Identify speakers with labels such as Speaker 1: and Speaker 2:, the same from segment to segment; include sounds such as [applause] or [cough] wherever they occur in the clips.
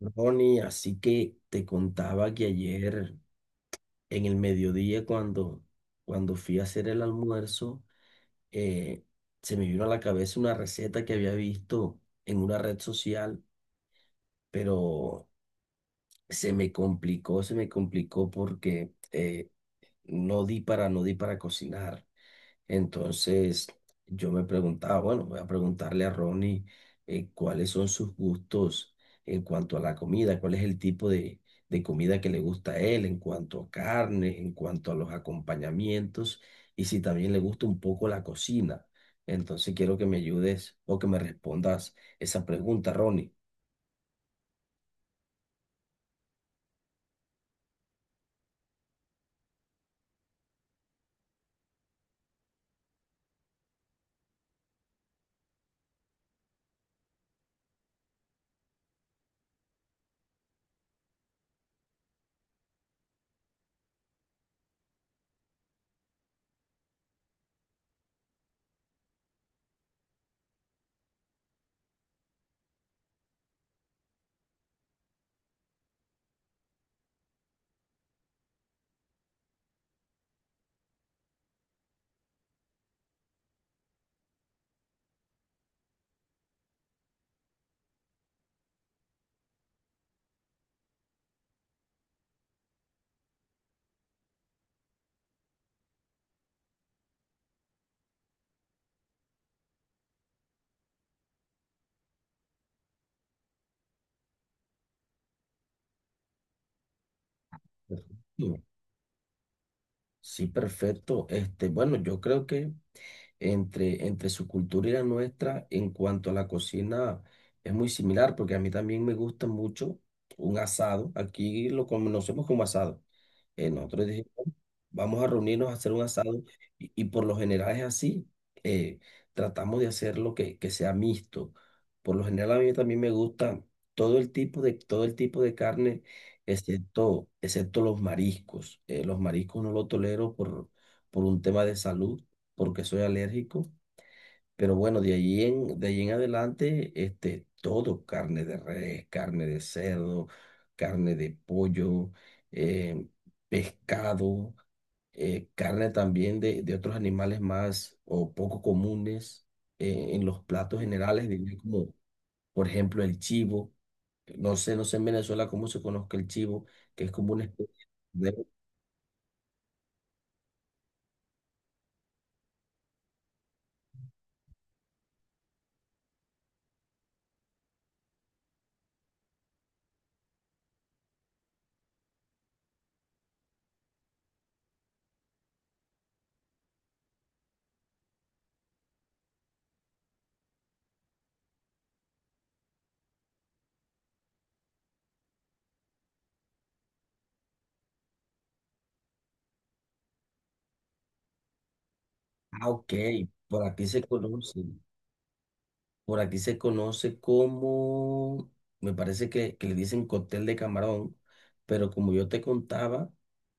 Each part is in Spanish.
Speaker 1: Ronnie, así que te contaba que ayer en el mediodía cuando fui a hacer el almuerzo, eh, se me vino a la cabeza una receta que había visto en una red social, pero se me complicó porque no di para cocinar. Entonces yo me preguntaba, bueno, voy a preguntarle a Ronnie, cuáles son sus gustos en cuanto a la comida, cuál es el tipo de comida que le gusta a él en cuanto a carne, en cuanto a los acompañamientos y si también le gusta un poco la cocina. Entonces quiero que me ayudes o que me respondas esa pregunta, Ronnie. Perfecto. Sí, perfecto. Este, bueno, yo creo que entre su cultura y la nuestra en cuanto a la cocina es muy similar, porque a mí también me gusta mucho un asado. Aquí lo conocemos como asado. Nosotros dijimos, vamos a reunirnos a hacer un asado y por lo general es así. eh, Tratamos de hacerlo que sea mixto. Por lo general a mí también me gusta todo el tipo de, todo el tipo de carne, excepto los mariscos. Los mariscos no los tolero por un tema de salud porque soy alérgico, pero bueno, de allí en adelante, este, todo, carne de res, carne de cerdo, carne de pollo, eh, pescado, carne también de otros animales más o poco comunes en los platos generales, diría como por ejemplo el chivo. No sé en Venezuela cómo se conozca el chivo, que es como una especie de... Ah, ok, por aquí se conoce. Por aquí se conoce como, me parece que le dicen cóctel de camarón, pero como yo te contaba,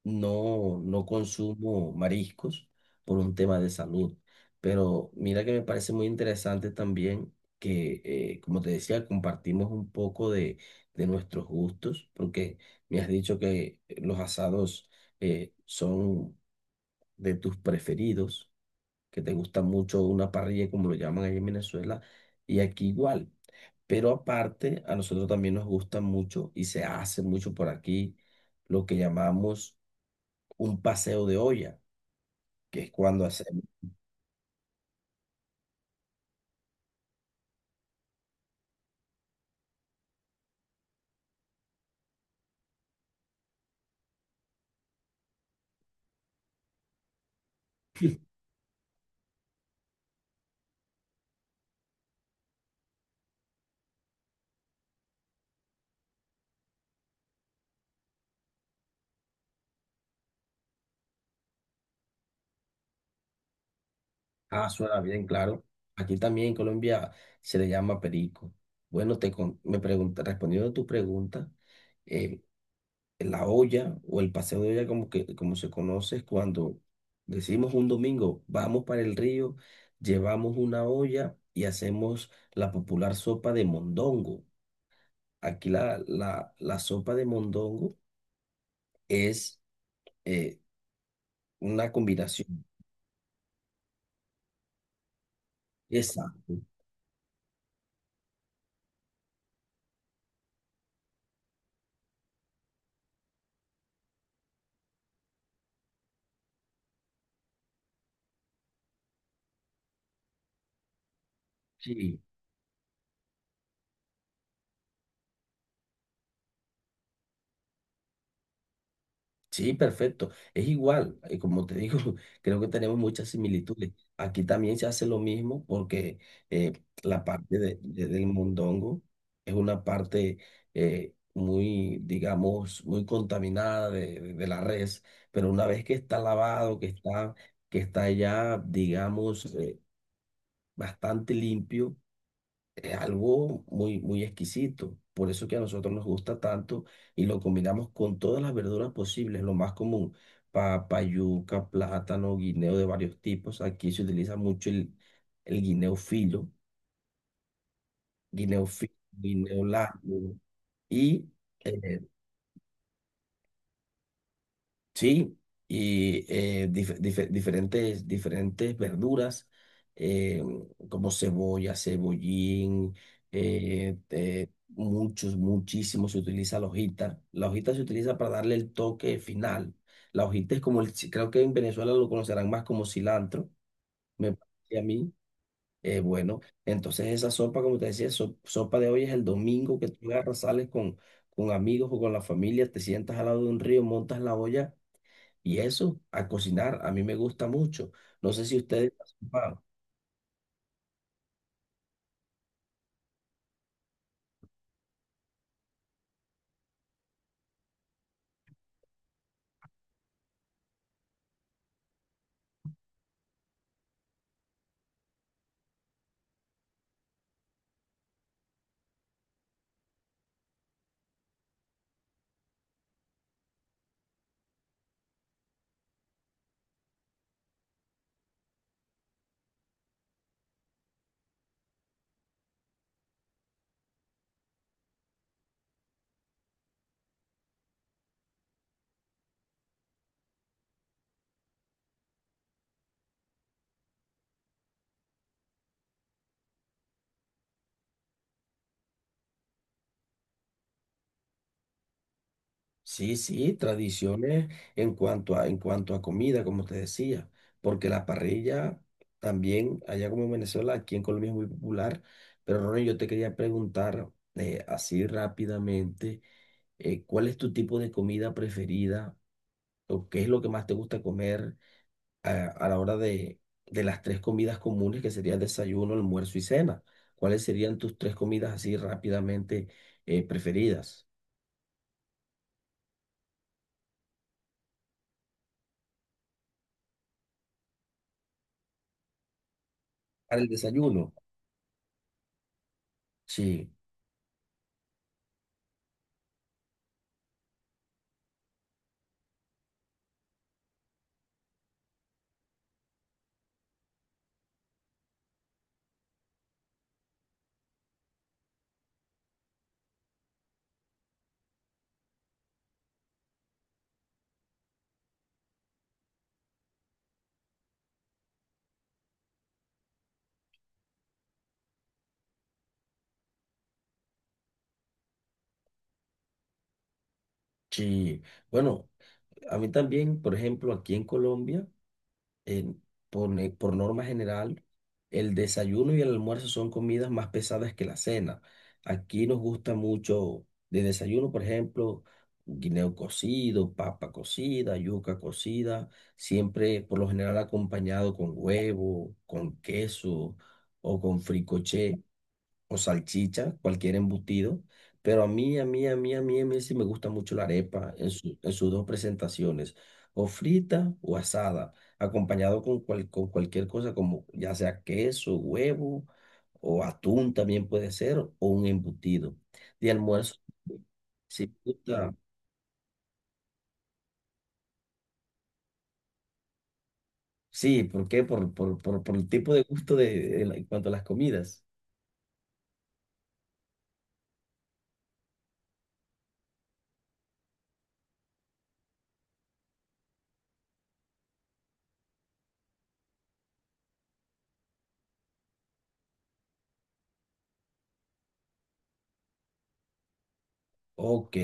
Speaker 1: no consumo mariscos por un tema de salud. Pero mira que me parece muy interesante también que, como te decía, compartimos un poco de nuestros gustos, porque me has dicho que los asados son de tus preferidos, que te gusta mucho una parrilla, como lo llaman ahí en Venezuela, y aquí igual. Pero aparte, a nosotros también nos gusta mucho y se hace mucho por aquí lo que llamamos un paseo de olla, que es cuando hacemos, ah, suena bien, claro. Aquí también en Colombia se le llama perico. Bueno, me pregunta, respondiendo a tu pregunta, eh, la olla o el paseo de olla como que como se conoce es cuando decimos un domingo, vamos para el río, llevamos una olla y hacemos la popular sopa de mondongo. Aquí la sopa de mondongo es, eh, una combinación. Exacto. Sí, sí, perfecto. Es igual, como te digo, [laughs] creo que tenemos muchas similitudes. Aquí también se hace lo mismo porque eh, la parte del mondongo es una parte muy, digamos, muy contaminada de, de la res, pero una vez que está lavado, que está ya, digamos, bastante limpio, es algo muy, muy exquisito. Por eso que a nosotros nos gusta tanto y lo combinamos con todas las verduras posibles, lo más común, papa, yuca, plátano, guineo de varios tipos. Aquí se utiliza mucho el guineo filo, guineo filo, guineo largo y eh, sí, y diferentes, diferentes verduras, eh, como cebolla, cebollín, muchos, muchísimos, se utiliza la hojita. La hojita se utiliza para darle el toque final. La hojita es como el, creo que en Venezuela lo conocerán más como cilantro, me parece a mí. Bueno, entonces esa sopa, como te decía, sopa de hoy es el domingo, que tú agarras, sales con amigos o con la familia, te sientas al lado de un río, montas la olla y eso, a cocinar, a mí me gusta mucho. No sé si ustedes... Ah, sí, sí, tradiciones en cuanto a comida, como te decía, porque la parrilla también, allá como en Venezuela, aquí en Colombia es muy popular. Pero Ronnie, yo te quería preguntar, así rápidamente, ¿cuál es tu tipo de comida preferida? ¿O qué es lo que más te gusta comer a la hora de las tres comidas comunes que serían desayuno, almuerzo y cena? ¿Cuáles serían tus tres comidas así rápidamente, preferidas? Para el desayuno. Sí, sí. Bueno, a mí también, por ejemplo, aquí en Colombia. eh, por norma general, el desayuno y el almuerzo son comidas más pesadas que la cena. Aquí nos gusta mucho de desayuno, por ejemplo, guineo cocido, papa cocida, yuca cocida, siempre por lo general acompañado con huevo, con queso o con fricoché o salchicha, cualquier embutido, pero a mí sí me gusta mucho la arepa en en sus dos presentaciones, o frita o asada, acompañado con, con cualquier cosa como ya sea queso, huevo o atún también puede ser, o un embutido. De almuerzo, sí me gusta. Sí, ¿por qué? Por el tipo de gusto de, en en cuanto a las comidas. Ok.